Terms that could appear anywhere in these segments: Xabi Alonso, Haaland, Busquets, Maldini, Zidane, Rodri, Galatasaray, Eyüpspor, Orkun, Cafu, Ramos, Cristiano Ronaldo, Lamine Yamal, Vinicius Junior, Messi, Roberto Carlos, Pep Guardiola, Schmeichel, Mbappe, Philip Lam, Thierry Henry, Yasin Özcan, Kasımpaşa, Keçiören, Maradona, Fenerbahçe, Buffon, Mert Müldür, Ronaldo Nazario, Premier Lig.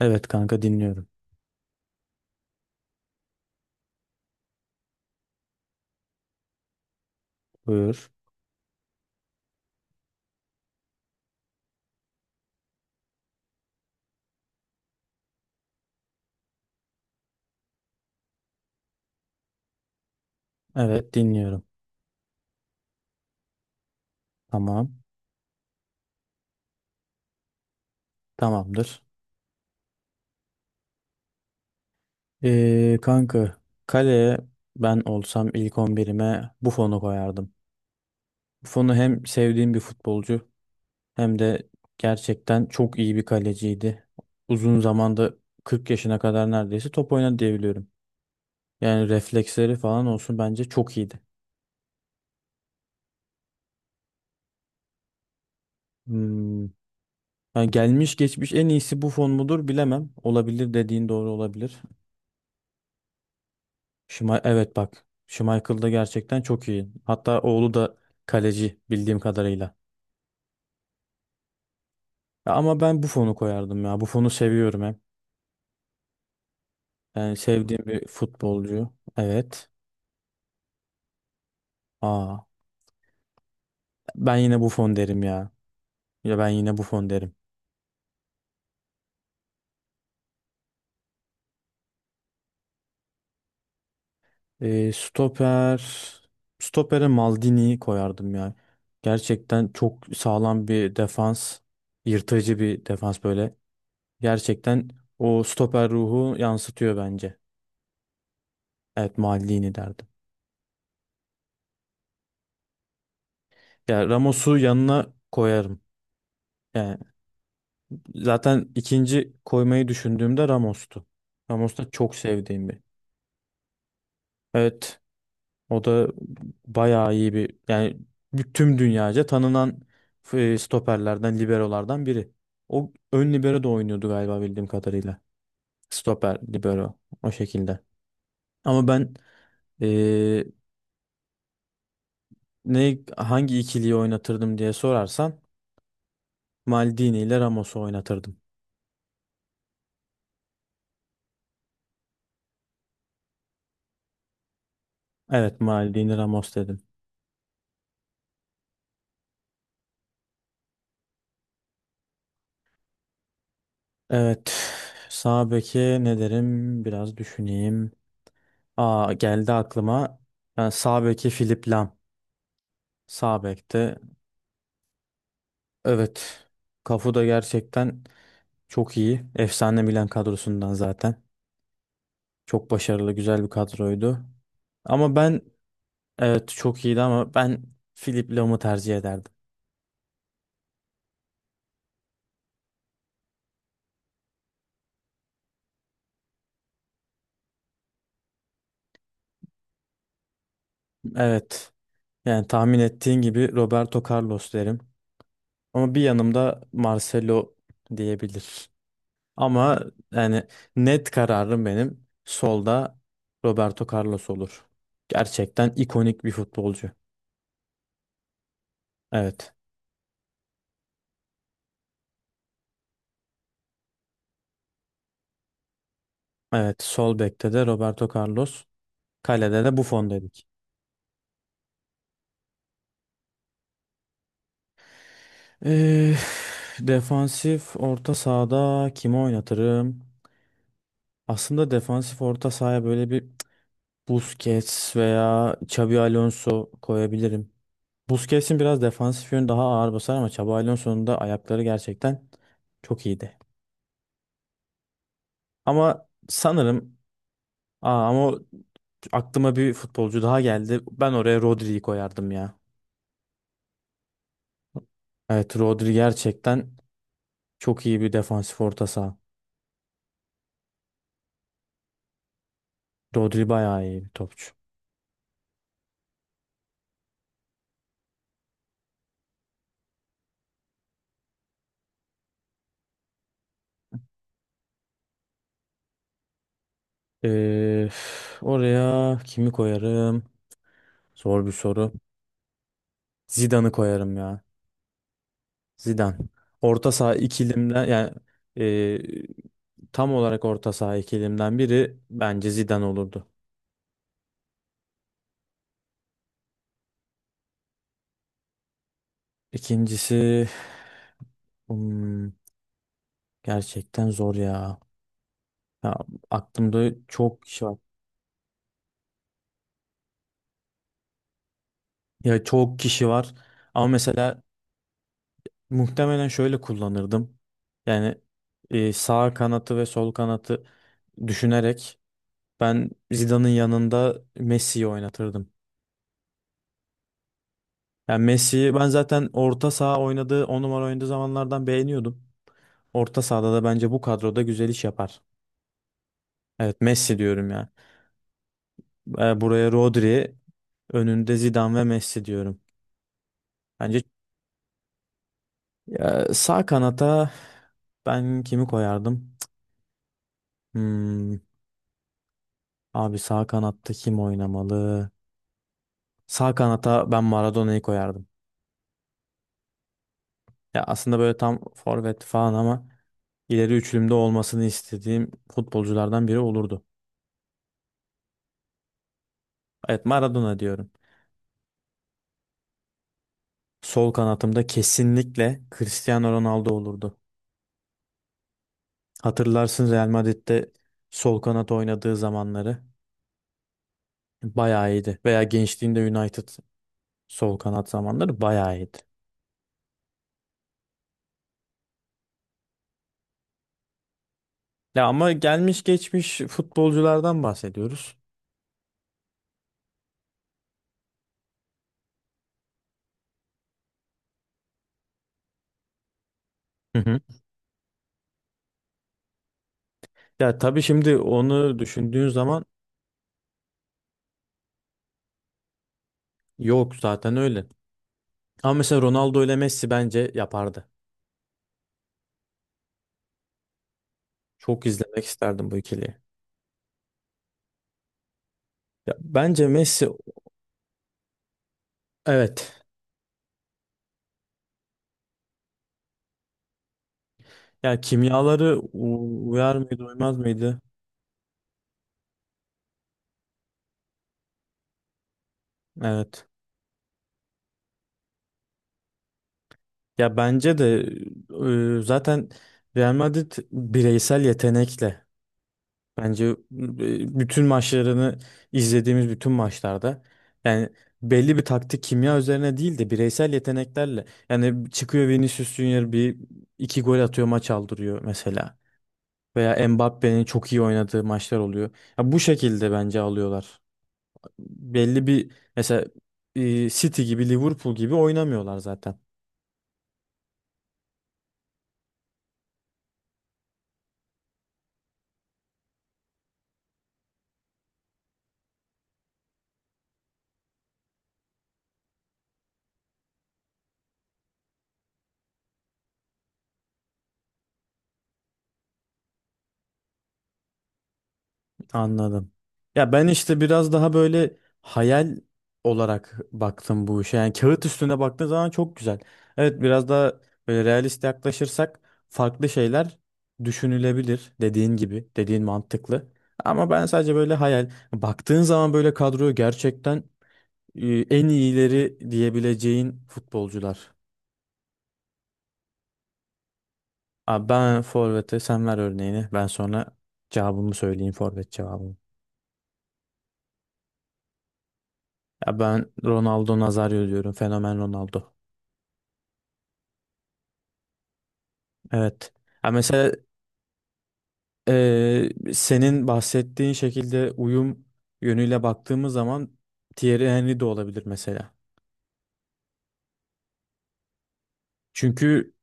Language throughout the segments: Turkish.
Evet kanka, dinliyorum. Buyur. Evet, dinliyorum. Tamam. Tamamdır. Kanka, kaleye ben olsam ilk 11'ime Buffon'u koyardım. Buffon'u hem sevdiğim bir futbolcu, hem de gerçekten çok iyi bir kaleciydi. Uzun zamanda 40 yaşına kadar neredeyse top oynadı diyebiliyorum. Yani refleksleri falan olsun, bence çok iyiydi. Hmm. Yani gelmiş geçmiş en iyisi Buffon mudur, bilemem. Olabilir, dediğin doğru olabilir. Şuma evet, bak. Schmeichel da gerçekten çok iyi. Hatta oğlu da kaleci bildiğim kadarıyla. Ya ama ben Buffon'u koyardım ya. Buffon'u seviyorum hem. Yani sevdiğim bir futbolcu. Evet. Aa, ben yine Buffon derim ya. Ya ben yine Buffon derim. Ee, stoper stopere Maldini'yi koyardım ya. Gerçekten çok sağlam bir defans. Yırtıcı bir defans böyle. Gerçekten o stoper ruhu yansıtıyor bence. Evet, Maldini derdim. Ya, Ramos'u yanına koyarım. Yani zaten ikinci koymayı düşündüğümde Ramos'tu. Ramos da çok sevdiğim bir. Evet, o da bayağı iyi bir, yani tüm dünyaca tanınan stoperlerden, liberolardan biri. O ön libero da oynuyordu galiba, bildiğim kadarıyla. Stoper, libero o şekilde. Ama ben e, ne, hangi ikiliyi oynatırdım diye sorarsan Maldini ile Ramos'u oynatırdım. Evet, Maldini Ramos dedim. Evet. Sağ beke ne derim? Biraz düşüneyim. Aa, geldi aklıma. Yani sağ beki Philip Lam. Sağ bekte. Evet. Cafu da gerçekten çok iyi. Efsane Milan kadrosundan zaten. Çok başarılı, güzel bir kadroydu. Ama ben, evet çok iyiydi ama ben Philip Lam'ı tercih ederdim. Evet. Yani tahmin ettiğin gibi Roberto Carlos derim. Ama bir yanımda Marcelo diyebilir. Ama yani net kararım, benim solda Roberto Carlos olur. Gerçekten ikonik bir futbolcu. Evet. Evet. Sol bekte de Roberto Carlos. Kalede de Buffon dedik. Ee, defansif orta sahada kimi oynatırım? Aslında defansif orta sahaya böyle bir Busquets veya Xabi Alonso koyabilirim. Busquets'in biraz defansif yönü daha ağır basar, ama Xabi Alonso'nun da ayakları gerçekten çok iyiydi. Ama sanırım, aa, ama o- aklıma bir futbolcu daha geldi. Ben oraya Rodri'yi koyardım ya. Evet, Rodri gerçekten çok iyi bir defansif orta saha. Rodri bayağı iyi bir topçu. Oraya kimi koyarım? Zor bir soru. Zidane'ı koyarım ya. Zidane. Orta saha ikilimden yani tam olarak orta saha ikilimden biri bence Zidane olurdu. İkincisi, hmm, gerçekten zor ya. Ya, aklımda çok kişi var. Ya, çok kişi var. Ama mesela muhtemelen şöyle kullanırdım. Yani sağ kanatı ve sol kanatı düşünerek, ben Zidane'ın yanında Messi'yi oynatırdım. Yani Messi'yi ben zaten orta saha oynadığı, 10 numara oynadığı zamanlardan beğeniyordum. Orta sahada da bence bu kadroda güzel iş yapar. Evet, Messi diyorum ya. Buraya Rodri, önünde Zidane ve Messi diyorum. Bence Ya, sağ kanata ben kimi koyardım? Hmm, Abi, sağ kanatta kim oynamalı? Sağ kanata ben Maradona'yı koyardım. Ya, aslında böyle tam forvet falan ama ileri üçlümde olmasını istediğim futbolculardan biri olurdu. Evet, Maradona diyorum. Sol kanatımda kesinlikle Cristiano Ronaldo olurdu. Hatırlarsın, Real Madrid'de sol kanat oynadığı zamanları bayağı iyiydi. Veya gençliğinde United sol kanat zamanları bayağı iyiydi. Ya, ama gelmiş geçmiş futbolculardan bahsediyoruz. Hı hı. Ya tabii, şimdi onu düşündüğün zaman yok zaten öyle. Ama mesela Ronaldo ile Messi bence yapardı. Çok izlemek isterdim bu ikiliyi. Ya bence Messi, evet. Ya kimyaları uyar mıydı, uymaz mıydı? Evet. Ya bence de, zaten Real Madrid bireysel yetenekle, bence, bütün maçlarını izlediğimiz bütün maçlarda yani belli bir taktik kimya üzerine değil de bireysel yeteneklerle, yani çıkıyor. Vinicius Junior bir iki gol atıyor, maç aldırıyor mesela. Veya Mbappe'nin çok iyi oynadığı maçlar oluyor. Ya bu şekilde bence alıyorlar. Belli bir mesela City gibi, Liverpool gibi oynamıyorlar zaten. Anladım. Ya ben işte biraz daha böyle hayal olarak baktım bu işe. Yani kağıt üstünde baktığın zaman çok güzel. Evet, biraz daha böyle realist yaklaşırsak farklı şeyler düşünülebilir, dediğin gibi. Dediğin mantıklı. Ama ben sadece böyle hayal. Baktığın zaman böyle kadroyu gerçekten en iyileri diyebileceğin futbolcular. Abi, ben forvete, sen ver örneğini. Ben sonra cevabımı söyleyeyim, forvet cevabımı. Ya ben Ronaldo Nazario diyorum. Fenomen Ronaldo. Evet. Ya mesela e, senin bahsettiğin şekilde uyum yönüyle baktığımız zaman Thierry Henry de olabilir mesela. Çünkü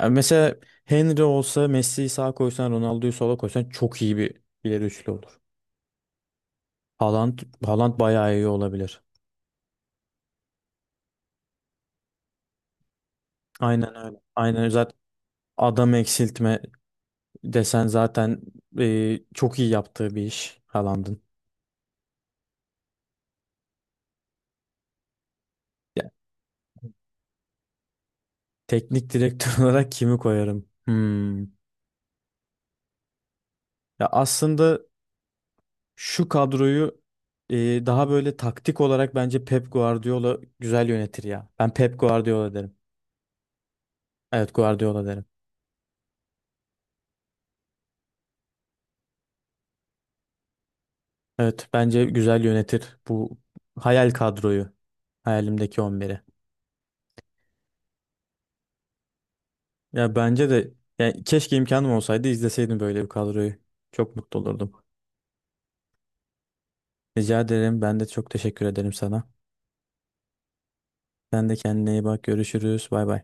ya mesela Henry olsa, Messi'yi sağa koysan, Ronaldo'yu sola koysan çok iyi bir ileri üçlü olur. Haaland, Haaland bayağı iyi olabilir. Aynen öyle. Aynen öyle. Zaten adam eksiltme desen zaten çok iyi yaptığı bir iş Haaland'ın. Ya, teknik direktör olarak kimi koyarım? Hmm. Ya aslında şu kadroyu e, daha böyle taktik olarak bence Pep Guardiola güzel yönetir ya. Ben Pep Guardiola derim. Evet, Guardiola derim. Evet, bence güzel yönetir bu hayal kadroyu. Hayalimdeki 11'i. Ya bence de, yani keşke imkanım olsaydı, izleseydim böyle bir kadroyu. Çok mutlu olurdum. Rica ederim. Ben de çok teşekkür ederim sana. Sen de kendine iyi bak. Görüşürüz. Bay bay.